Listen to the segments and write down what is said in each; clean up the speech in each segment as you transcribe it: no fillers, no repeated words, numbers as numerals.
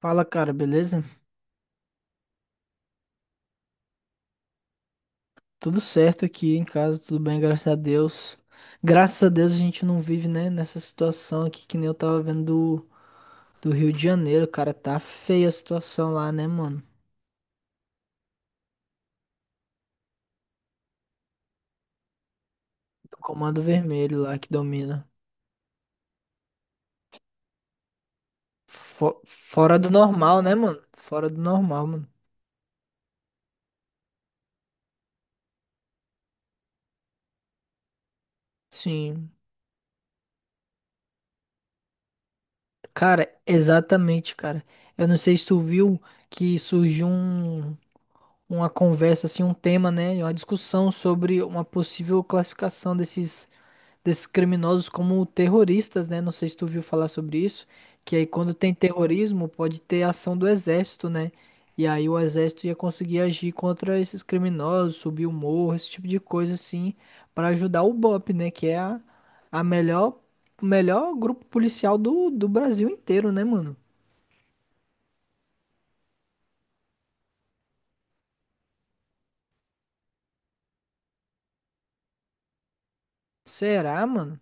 Fala, cara, beleza? Tudo certo aqui em casa, tudo bem, graças a Deus. Graças a Deus a gente não vive, né, nessa situação aqui que nem eu tava vendo do Rio de Janeiro, cara. Tá feia a situação lá, né, mano? Do Comando Vermelho lá que domina. Fora do normal, né, mano? Fora do normal, mano. Sim. Cara, exatamente, cara. Eu não sei se tu viu que surgiu uma conversa, assim, um tema, né? Uma discussão sobre uma possível classificação desses criminosos como terroristas, né? Não sei se tu viu falar sobre isso, que aí quando tem terrorismo pode ter ação do exército, né? E aí o exército ia conseguir agir contra esses criminosos, subir o morro, esse tipo de coisa assim, para ajudar o BOP, né? A melhor, o melhor grupo policial do Brasil inteiro, né, mano? Será, mano?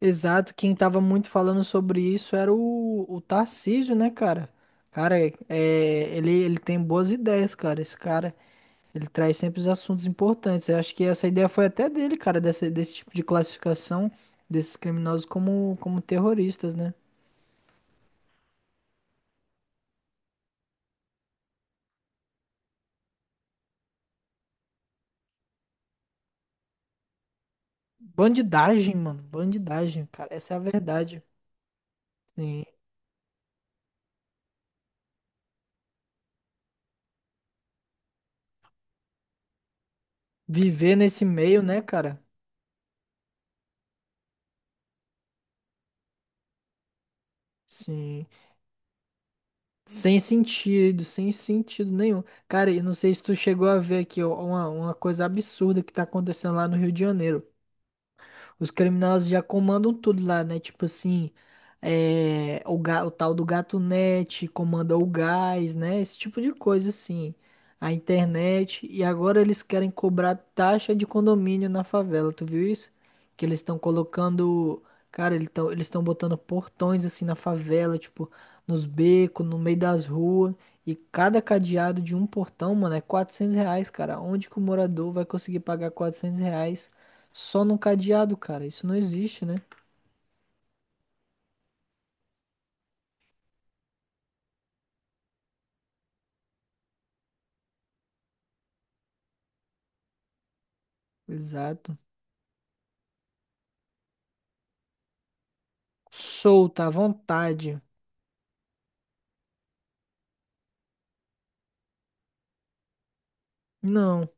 Exato, quem tava muito falando sobre isso era o Tarcísio, né, cara? Cara, é, ele tem boas ideias, cara. Esse cara, ele traz sempre os assuntos importantes. Eu acho que essa ideia foi até dele, cara, desse tipo de classificação desses criminosos como terroristas, né? Bandidagem, mano. Bandidagem, cara. Essa é a verdade. Sim. Viver nesse meio, né, cara? Sim. Sem sentido, sem sentido nenhum. Cara, eu não sei se tu chegou a ver aqui ó, uma coisa absurda que tá acontecendo lá no Rio de Janeiro. Os criminosos já comandam tudo lá, né? Tipo assim, é, o tal do gato net comanda o gás, né? Esse tipo de coisa, assim. A internet. E agora eles querem cobrar taxa de condomínio na favela. Tu viu isso? Que eles estão colocando. Cara, eles estão botando portões assim na favela, tipo, nos becos, no meio das ruas. E cada cadeado de um portão, mano, é R$ 400, cara. Onde que o morador vai conseguir pagar R$ 400 só num cadeado, cara. Isso não existe, né? Exato. Solta à vontade. Não.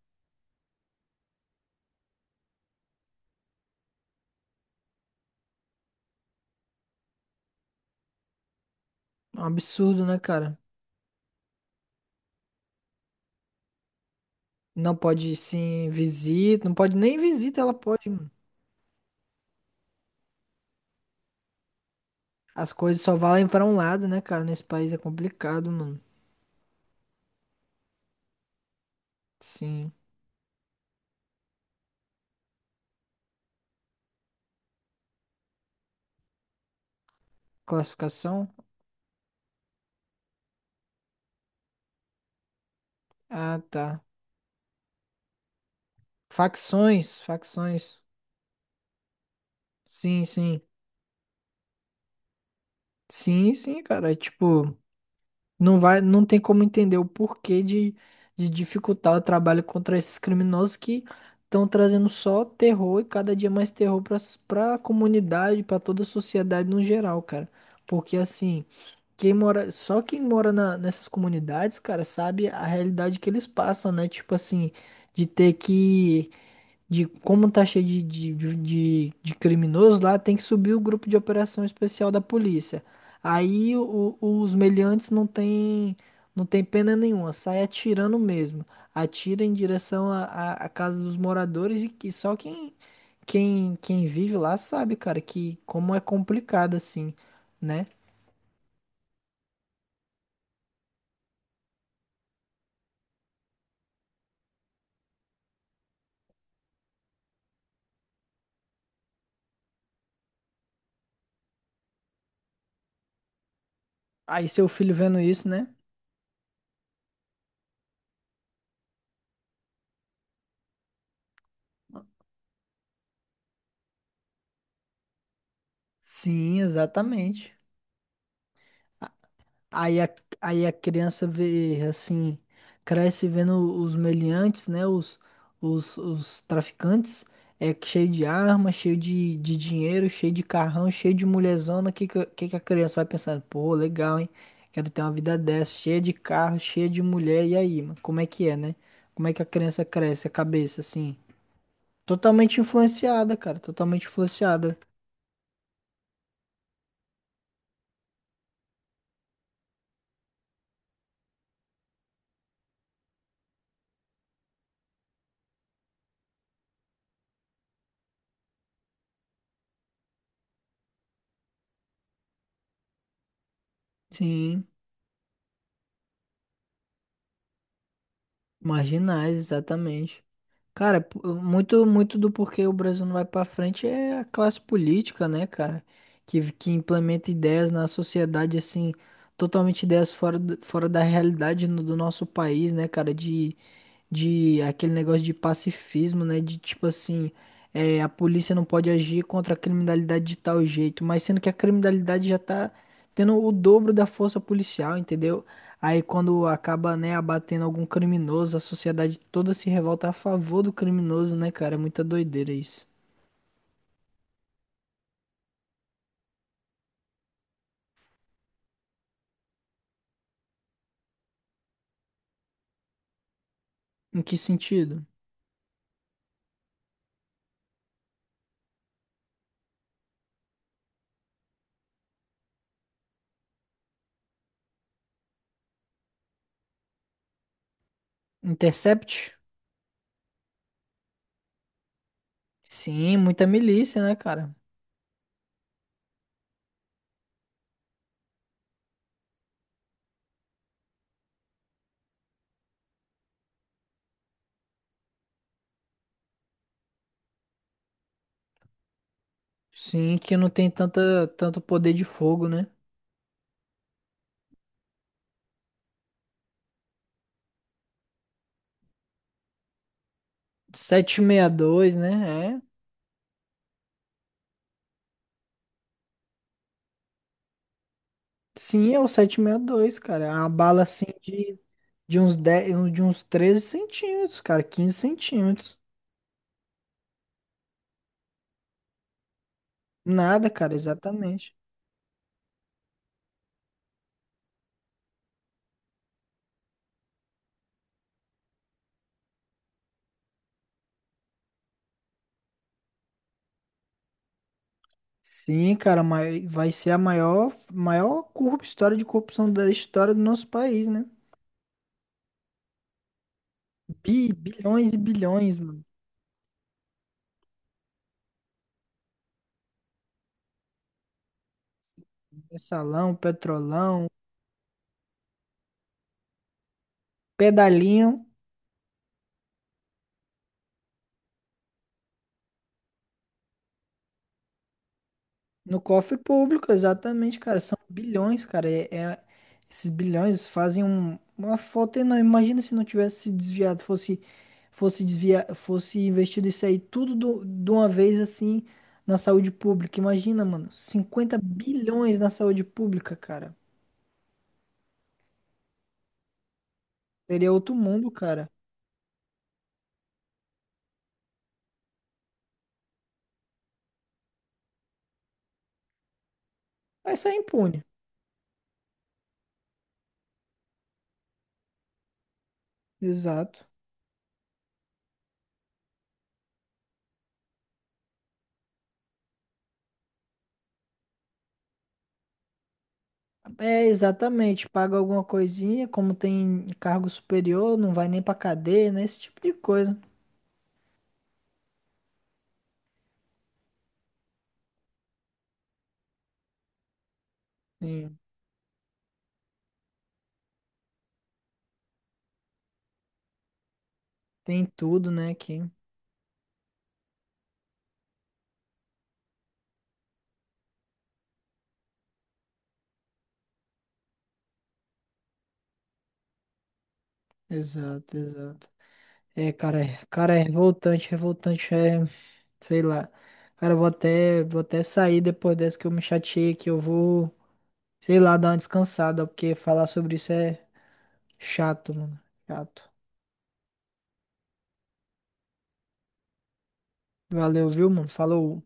É um absurdo, né, cara? Não pode sim visita. Não pode nem visita, ela pode, mano. As coisas só valem pra um lado, né, cara? Nesse país é complicado, mano. Sim. Classificação? Ah, tá. Facções, facções. Sim, sim. Sim, sim, cara. É tipo. Não vai, não tem como entender o porquê de dificultar o trabalho contra esses criminosos que estão trazendo só terror e cada dia mais terror para a comunidade, para toda a sociedade no geral, cara. Porque assim, só quem mora nessas comunidades, cara, sabe a realidade que eles passam, né? Tipo assim, de ter que de como tá cheio de criminoso lá, tem que subir o grupo de operação especial da polícia. Aí os meliantes não tem, não tem pena nenhuma, sai atirando mesmo. Atira em direção à casa dos moradores e que só quem vive lá sabe, cara, que como é complicado assim, né? Aí seu filho vendo isso, né? Sim, exatamente. Aí a, aí a criança vê, assim, cresce vendo os meliantes, né? Os traficantes, é cheio de arma, cheio de dinheiro, cheio de carrão, cheio de mulherzona. Que a criança vai pensando? Pô, legal, hein? Quero ter uma vida dessa, cheia de carro, cheia de mulher. E aí, mano, como é que é, né? Como é que a criança cresce, a cabeça, assim? Totalmente influenciada, cara, totalmente influenciada. Sim. Marginais, exatamente. Cara, muito, muito do porquê o Brasil não vai pra frente é a classe política, né, cara? Que implementa ideias na sociedade, assim, totalmente ideias fora, fora da realidade do nosso país, né, cara? De aquele negócio de pacifismo, né? De tipo assim, é, a polícia não pode agir contra a criminalidade de tal jeito, mas sendo que a criminalidade já tá tendo o dobro da força policial, entendeu? Aí quando acaba, né, abatendo algum criminoso, a sociedade toda se revolta a favor do criminoso, né, cara? É muita doideira isso. Em que sentido? Intercept? Sim, muita milícia, né, cara? Sim, que não tem tanta, tanto poder de fogo, né? 7.62, né? É. Sim, é o 7.62, cara. É uma bala assim de uns 10 de uns 13 centímetros, cara, 15 centímetros. Nada, cara, exatamente. Sim, cara, mas vai ser a maior, história de corrupção da história do nosso país, né? Bilhões e bilhões, mano. Mensalão, petrolão, pedalinho no cofre público, exatamente, cara. São bilhões, cara. Esses bilhões fazem uma falta enorme. Imagina se não tivesse se desviado, fosse desviar, fosse investido isso aí tudo de uma vez assim na saúde pública. Imagina, mano, 50 bilhões na saúde pública, cara. Seria outro mundo, cara. Vai sair impune. Exato. É, exatamente. Paga alguma coisinha, como tem cargo superior, não vai nem pra cadeia, né? Esse tipo de coisa. Sim. Tem tudo, né, aqui. Exato, exato. É, cara, cara, é revoltante, revoltante, é, sei lá. Cara, eu vou até sair depois dessa que eu me chateei, que eu vou, sei lá, dar uma descansada, porque falar sobre isso é chato, mano. Chato. Valeu, viu, mano? Falou.